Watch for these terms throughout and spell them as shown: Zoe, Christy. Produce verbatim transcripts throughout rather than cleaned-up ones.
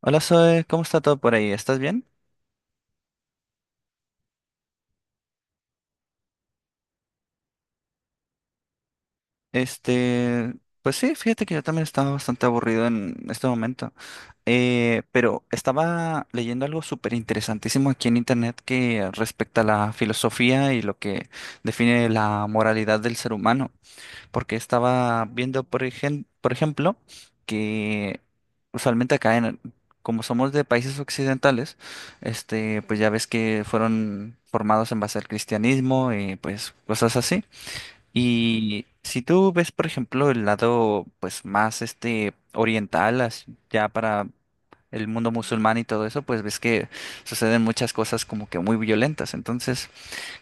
Hola Zoe, ¿cómo está todo por ahí? ¿Estás bien? Este, pues sí, fíjate que yo también estaba bastante aburrido en este momento. Eh, pero estaba leyendo algo súper interesantísimo aquí en internet que respecta a la filosofía y lo que define la moralidad del ser humano. Porque estaba viendo, por ejem- por ejemplo, que usualmente acá en, como somos de países occidentales, este, pues ya ves que fueron formados en base al cristianismo y pues cosas así. Y si tú ves, por ejemplo, el lado pues más este oriental, as- ya para el mundo musulmán y todo eso, pues ves que suceden muchas cosas como que muy violentas. Entonces,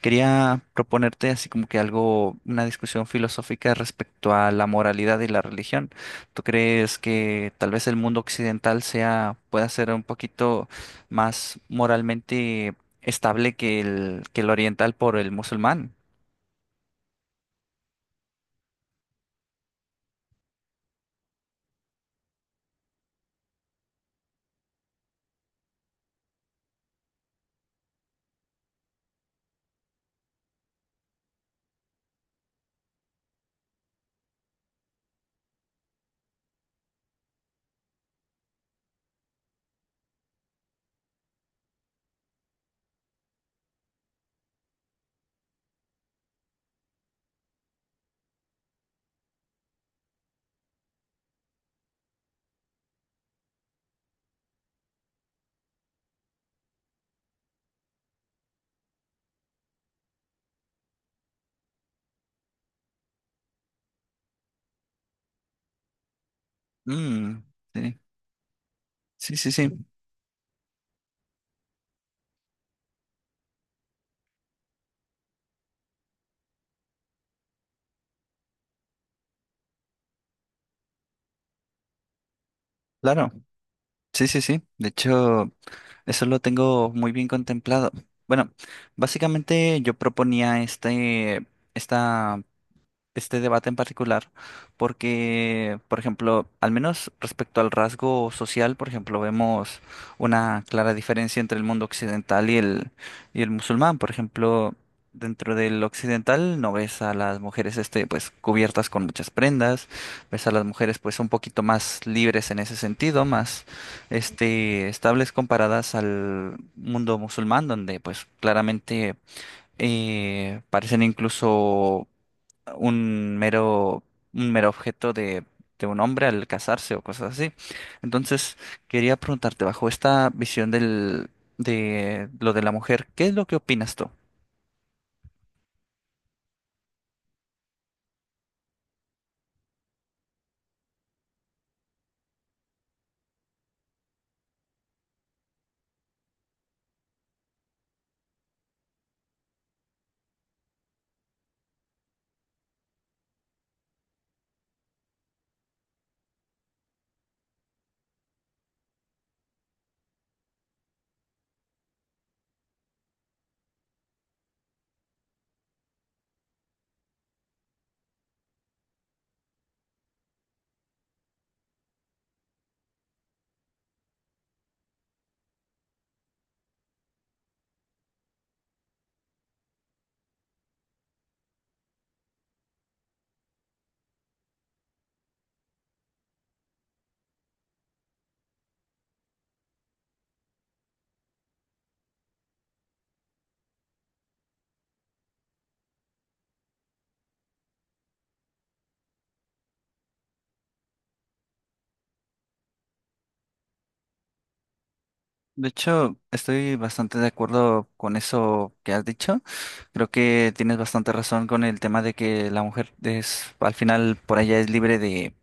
quería proponerte así como que algo, una discusión filosófica respecto a la moralidad y la religión. ¿Tú crees que tal vez el mundo occidental sea, pueda ser un poquito más moralmente estable que el, que el oriental por el musulmán? Mm, sí, sí, sí, sí, claro. Sí, sí, sí. De hecho, eso lo tengo muy bien contemplado. Bueno, básicamente yo proponía este, esta este debate en particular, porque, por ejemplo, al menos respecto al rasgo social, por ejemplo, vemos una clara diferencia entre el mundo occidental y el, y el musulmán. Por ejemplo, dentro del occidental no ves a las mujeres este, pues, cubiertas con muchas prendas, ves a las mujeres pues un poquito más libres en ese sentido, más este, estables comparadas al mundo musulmán, donde pues claramente eh, parecen incluso un mero, un mero objeto de, de un hombre al casarse o cosas así. Entonces, quería preguntarte, bajo esta visión del, de lo de la mujer, ¿qué es lo que opinas tú? De hecho, estoy bastante de acuerdo con eso que has dicho. Creo que tienes bastante razón con el tema de que la mujer es, al final, por allá es libre de,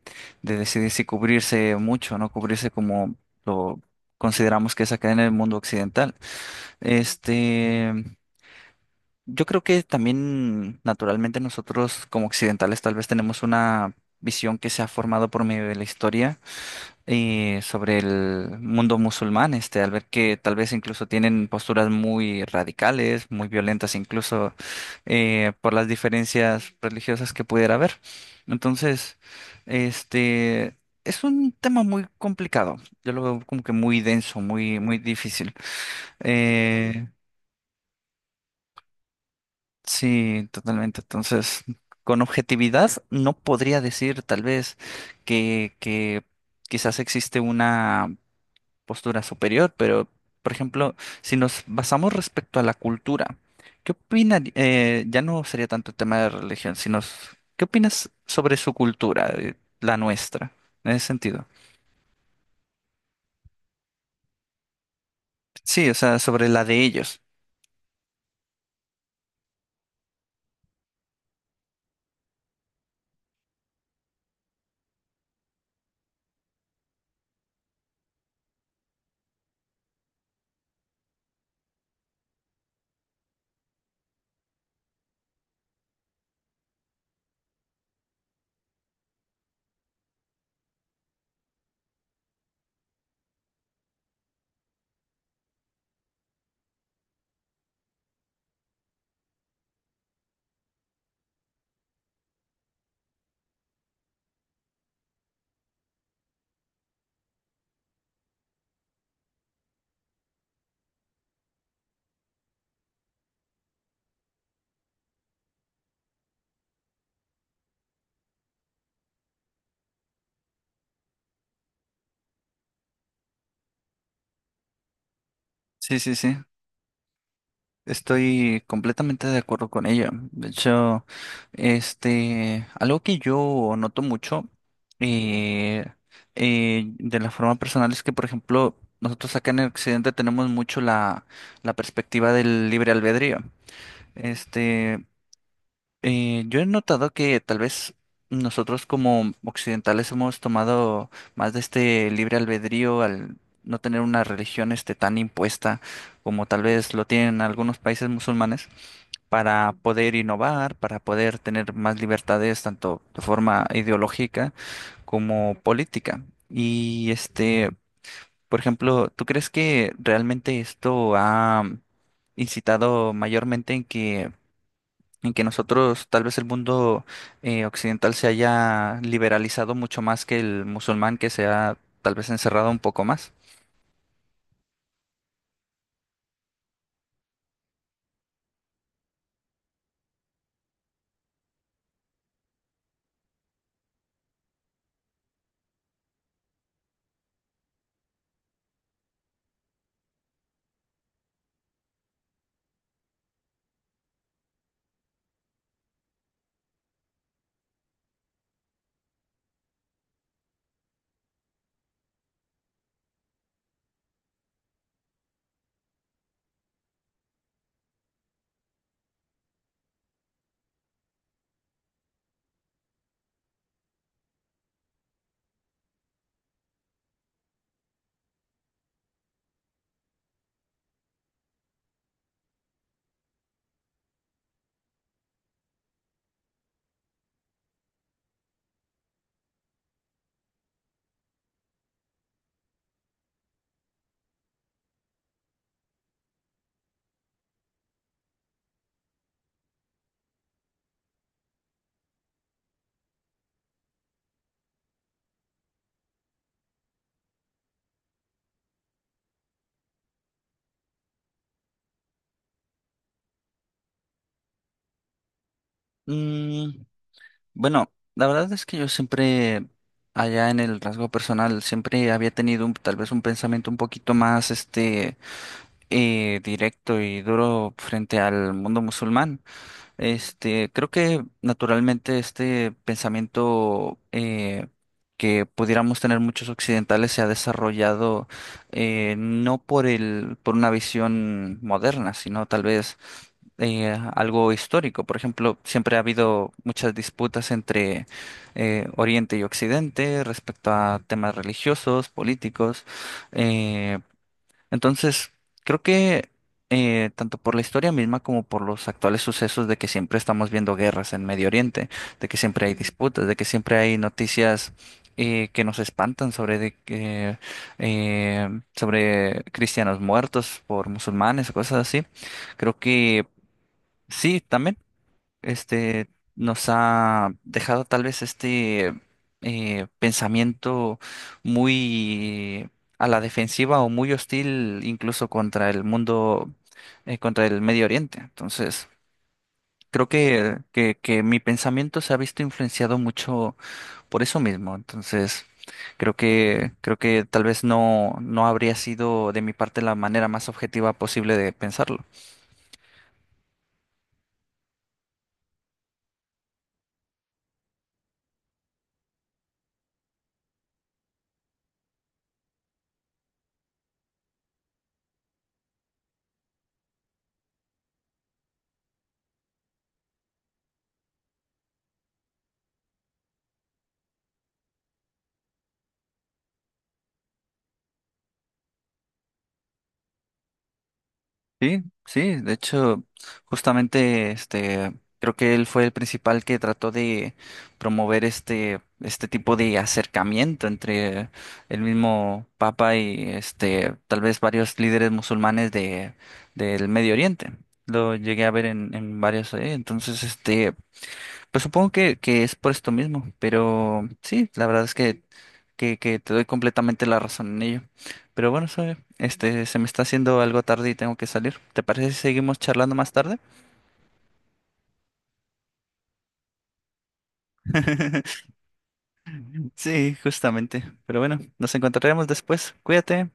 de decidir si cubrirse mucho, no cubrirse como lo consideramos que es acá en el mundo occidental. Este, Yo creo que también naturalmente nosotros como occidentales tal vez tenemos una visión que se ha formado por medio de la historia, eh, sobre el mundo musulmán, este, al ver que tal vez incluso tienen posturas muy radicales, muy violentas incluso, eh, por las diferencias religiosas que pudiera haber. Entonces, este es un tema muy complicado. Yo lo veo como que muy denso, muy, muy difícil. Eh, Sí, totalmente. Entonces, con objetividad no podría decir tal vez que, que quizás existe una postura superior, pero, por ejemplo, si nos basamos respecto a la cultura, ¿qué opinas? Ya no sería tanto el tema de religión, sino s- ¿qué opinas sobre su cultura, eh, la nuestra, en ese sentido? Sí, o sea, sobre la de ellos. Sí, sí, sí. Estoy completamente de acuerdo con ella. De hecho, este, algo que yo noto mucho, eh, eh, de la forma personal es que, por ejemplo, nosotros acá en el occidente tenemos mucho la, la perspectiva del libre albedrío. Este, eh, yo he notado que tal vez nosotros como occidentales hemos tomado más de este libre albedrío al no tener una religión este tan impuesta como tal vez lo tienen algunos países musulmanes para poder innovar, para poder tener más libertades, tanto de forma ideológica como política. Y este, por ejemplo, ¿tú crees que realmente esto ha incitado mayormente en que en que nosotros, tal vez el mundo eh, occidental se haya liberalizado mucho más que el musulmán, que se ha tal vez encerrado un poco más? Mm, bueno, la verdad es que yo siempre, allá en el rasgo personal, siempre había tenido un- tal vez un pensamiento un poquito más, este, eh, directo y duro frente al mundo musulmán. Este, creo que naturalmente este pensamiento, eh, que pudiéramos tener muchos occidentales, se ha desarrollado, eh, no por el, por una visión moderna, sino tal vez eh, algo histórico. Por ejemplo, siempre ha habido muchas disputas entre, eh, Oriente y Occidente respecto a temas religiosos, políticos. Eh, entonces, creo que, eh, tanto por la historia misma como por los actuales sucesos de que siempre estamos viendo guerras en Medio Oriente, de que siempre hay disputas, de que siempre hay noticias, eh, que nos espantan sobre de que, eh, sobre cristianos muertos por musulmanes o cosas así. Creo que sí, también, este, nos ha dejado tal vez este eh, pensamiento muy a la defensiva o muy hostil incluso contra el mundo, eh, contra el Medio Oriente. Entonces, creo que, que, que mi pensamiento se ha visto influenciado mucho por eso mismo. Entonces, creo que, creo que tal vez no, no habría sido de mi parte la manera más objetiva posible de pensarlo. Sí, sí, de hecho, justamente este creo que él fue el principal que trató de promover este este tipo de acercamiento entre el mismo Papa y este tal vez varios líderes musulmanes de del Medio Oriente. Lo llegué a ver en, en varios, eh, entonces este pues supongo que, que es por esto mismo, pero sí, la verdad es que, que, que te doy completamente la razón en ello. Pero bueno, Zoe, este, se me está haciendo algo tarde y tengo que salir. ¿Te parece si seguimos charlando más tarde? Sí, justamente. Pero bueno, nos encontraremos después. Cuídate.